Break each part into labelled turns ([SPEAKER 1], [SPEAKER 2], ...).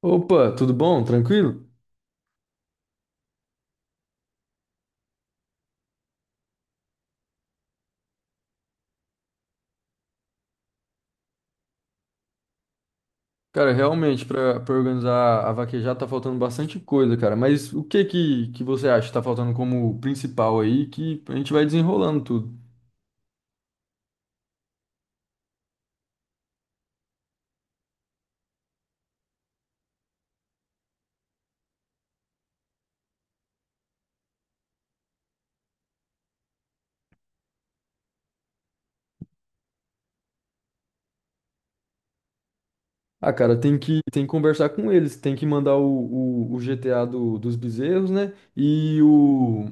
[SPEAKER 1] Opa, tudo bom? Tranquilo? Cara, realmente, pra organizar a vaquejada tá faltando bastante coisa, cara. Mas o que que você acha que tá faltando como principal aí que a gente vai desenrolando tudo? Ah, cara, tem que conversar com eles, tem que mandar o GTA dos bezerros, né?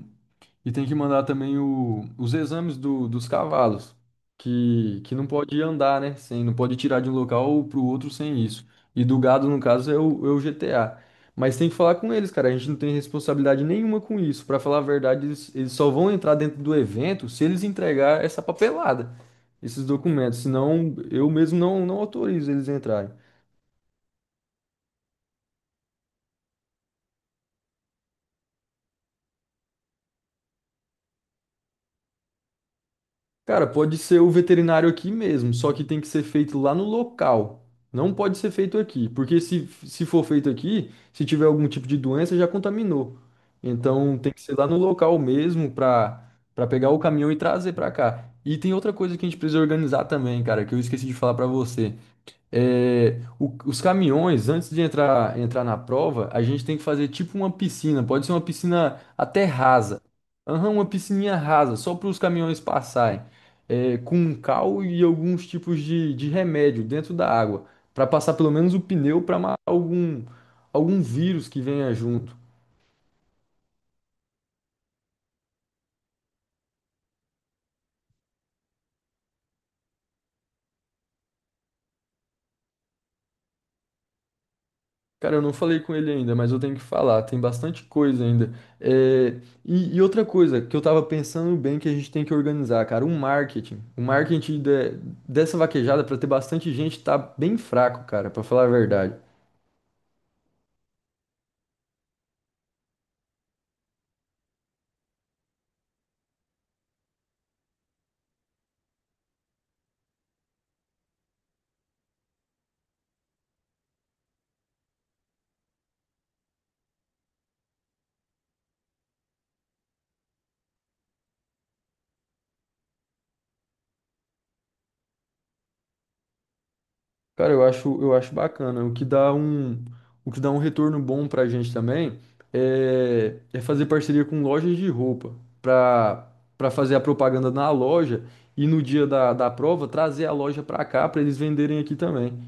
[SPEAKER 1] E tem que mandar também os exames dos cavalos, que não pode andar, né? Sem, Não pode tirar de um local para o outro sem isso. E do gado, no caso, é o GTA. Mas tem que falar com eles, cara. A gente não tem responsabilidade nenhuma com isso. Para falar a verdade, eles só vão entrar dentro do evento se eles entregar essa papelada, esses documentos. Senão, eu mesmo não autorizo eles a entrarem. Cara, pode ser o veterinário aqui mesmo, só que tem que ser feito lá no local. Não pode ser feito aqui, porque se for feito aqui, se tiver algum tipo de doença, já contaminou. Então tem que ser lá no local mesmo para pegar o caminhão e trazer para cá. E tem outra coisa que a gente precisa organizar também, cara, que eu esqueci de falar para você. É, os caminhões, antes de entrar na prova, a gente tem que fazer tipo uma piscina. Pode ser uma piscina até rasa. Aham, uma piscininha rasa, só para os caminhões passarem. É, com um cal e alguns tipos de remédio dentro da água. Para passar pelo menos o pneu para matar algum vírus que venha junto. Cara, eu não falei com ele ainda, mas eu tenho que falar, tem bastante coisa ainda. É, e outra coisa que eu tava pensando bem que a gente tem que organizar, cara, um marketing. O dessa vaquejada pra ter bastante gente tá bem fraco, cara, pra falar a verdade. Cara, eu acho bacana. O que dá um retorno bom pra gente também é fazer parceria com lojas de roupa pra, pra fazer a propaganda na loja e no dia da prova trazer a loja pra cá pra eles venderem aqui também.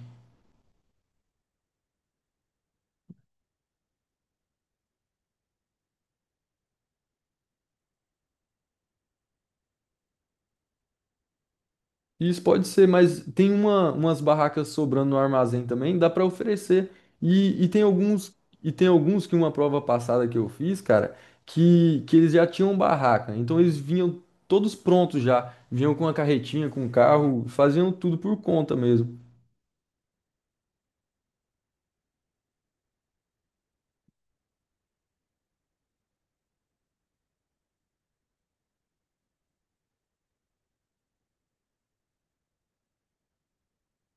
[SPEAKER 1] Isso pode ser, mas tem umas barracas sobrando no armazém também, dá para oferecer. E, e tem alguns e tem alguns que uma prova passada que eu fiz, cara, que eles já tinham barraca. Então eles vinham todos prontos já, vinham com a carretinha, com o carro, faziam tudo por conta mesmo.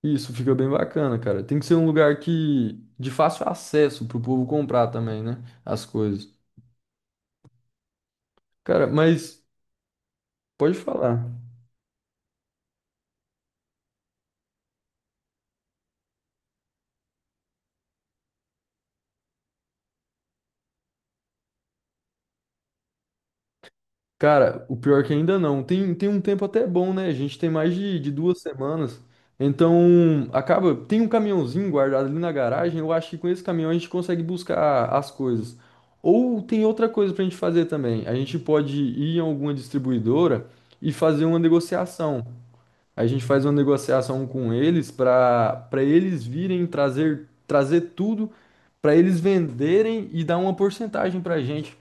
[SPEAKER 1] Isso fica bem bacana, cara. Tem que ser um lugar que de fácil acesso pro povo comprar também, né? As coisas. Cara, mas pode falar. Cara, o pior é que ainda não. Tem um tempo até bom, né? A gente tem mais de duas semanas. Então, acaba. Tem um caminhãozinho guardado ali na garagem. Eu acho que com esse caminhão a gente consegue buscar as coisas. Ou tem outra coisa pra gente fazer também. A gente pode ir em alguma distribuidora e fazer uma negociação. A gente faz uma negociação com eles para eles virem trazer tudo, para eles venderem e dar uma porcentagem pra gente.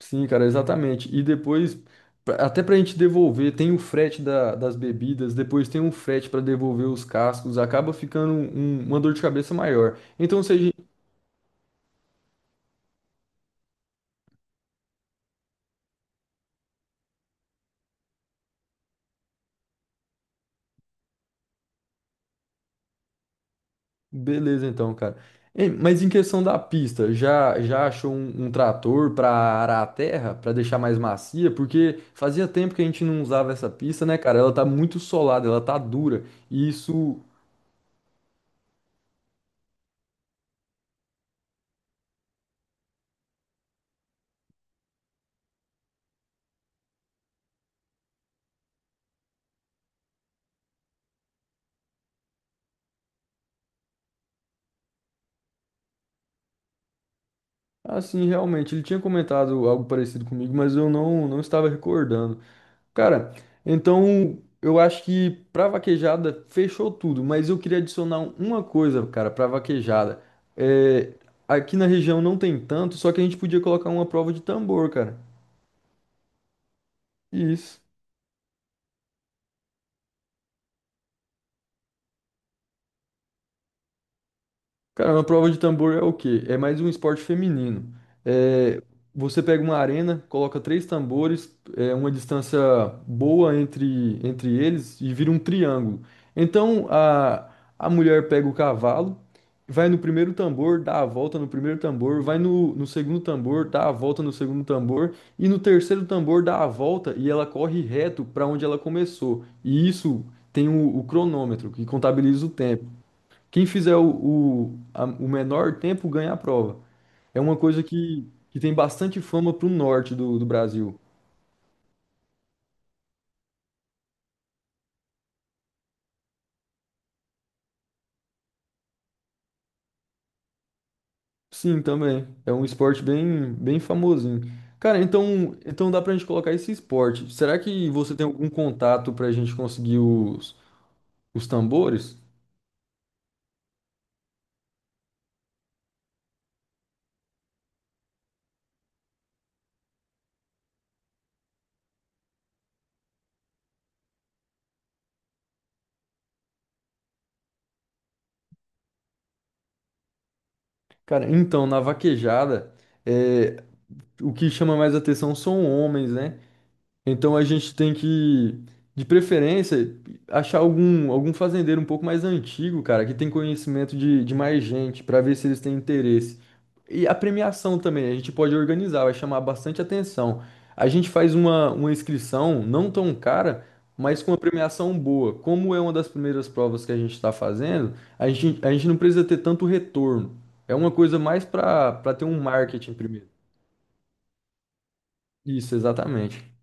[SPEAKER 1] Sim, cara, exatamente. E depois, até pra gente devolver, tem o das bebidas, depois tem um frete pra devolver os cascos, acaba ficando uma dor de cabeça maior. Então, seja. Beleza, então, cara. Ei, mas em questão da pista, já achou um trator pra arar a terra, pra deixar mais macia? Porque fazia tempo que a gente não usava essa pista, né, cara? Ela tá muito solada, ela tá dura. E isso assim, realmente, ele tinha comentado algo parecido comigo, mas eu não estava recordando. Cara, então eu acho que pra vaquejada fechou tudo, mas eu queria adicionar uma coisa, cara, pra vaquejada. É, aqui na região não tem tanto, só que a gente podia colocar uma prova de tambor, cara. Isso. Cara, uma prova de tambor é o quê? É mais um esporte feminino. É, você pega uma arena, coloca três tambores, é, uma distância boa entre eles e vira um triângulo. Então a mulher pega o cavalo, vai no primeiro tambor, dá a volta no primeiro tambor, vai no segundo tambor, dá a volta no segundo tambor, e no terceiro tambor dá a volta e ela corre reto para onde ela começou. E isso tem o cronômetro, que contabiliza o tempo. Quem fizer o menor tempo ganha a prova. É uma coisa que tem bastante fama pro norte do Brasil. Sim, também. É um esporte bem famosinho. Cara, então dá pra gente colocar esse esporte. Será que você tem algum contato pra gente conseguir os tambores? Cara, então, na vaquejada, é, o que chama mais atenção são homens, né? Então a gente tem que, de preferência, achar algum fazendeiro um pouco mais antigo, cara, que tem conhecimento de mais gente, para ver se eles têm interesse. E a premiação também, a gente pode organizar, vai chamar bastante atenção. A gente faz uma inscrição não tão cara, mas com uma premiação boa. Como é uma das primeiras provas que a gente está fazendo, a gente não precisa ter tanto retorno. É uma coisa mais para ter um marketing primeiro. Isso, exatamente.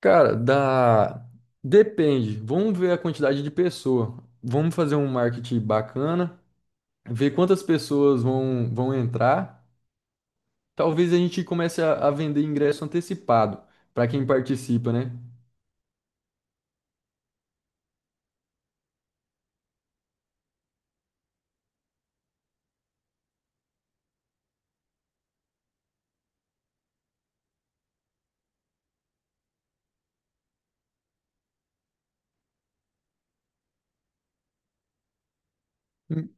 [SPEAKER 1] Cara, dá. Depende. Vamos ver a quantidade de pessoa. Vamos fazer um marketing bacana, ver quantas pessoas vão entrar. Talvez a gente comece a vender ingresso antecipado para quem participa, né? Hum.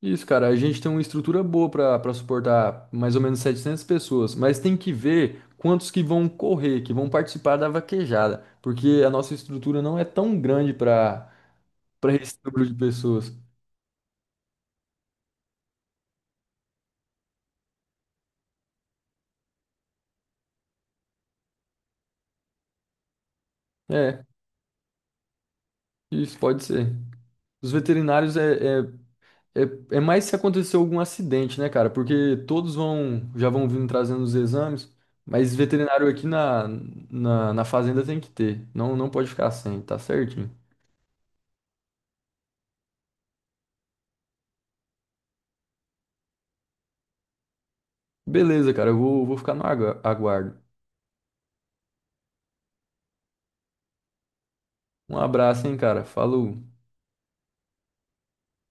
[SPEAKER 1] Isso, cara. A gente tem uma estrutura boa para suportar mais ou menos 700 pessoas, mas tem que ver quantos que vão correr, que vão participar da vaquejada, porque a nossa estrutura não é tão grande para esse número de pessoas. É, isso pode ser. Os veterinários é, é mais se acontecer algum acidente, né, cara? Porque todos vão vindo trazendo os exames, mas veterinário aqui na fazenda tem que ter. Não pode ficar sem, tá certinho. Beleza, cara, vou ficar no aguardo. Um abraço, hein, cara. Falou.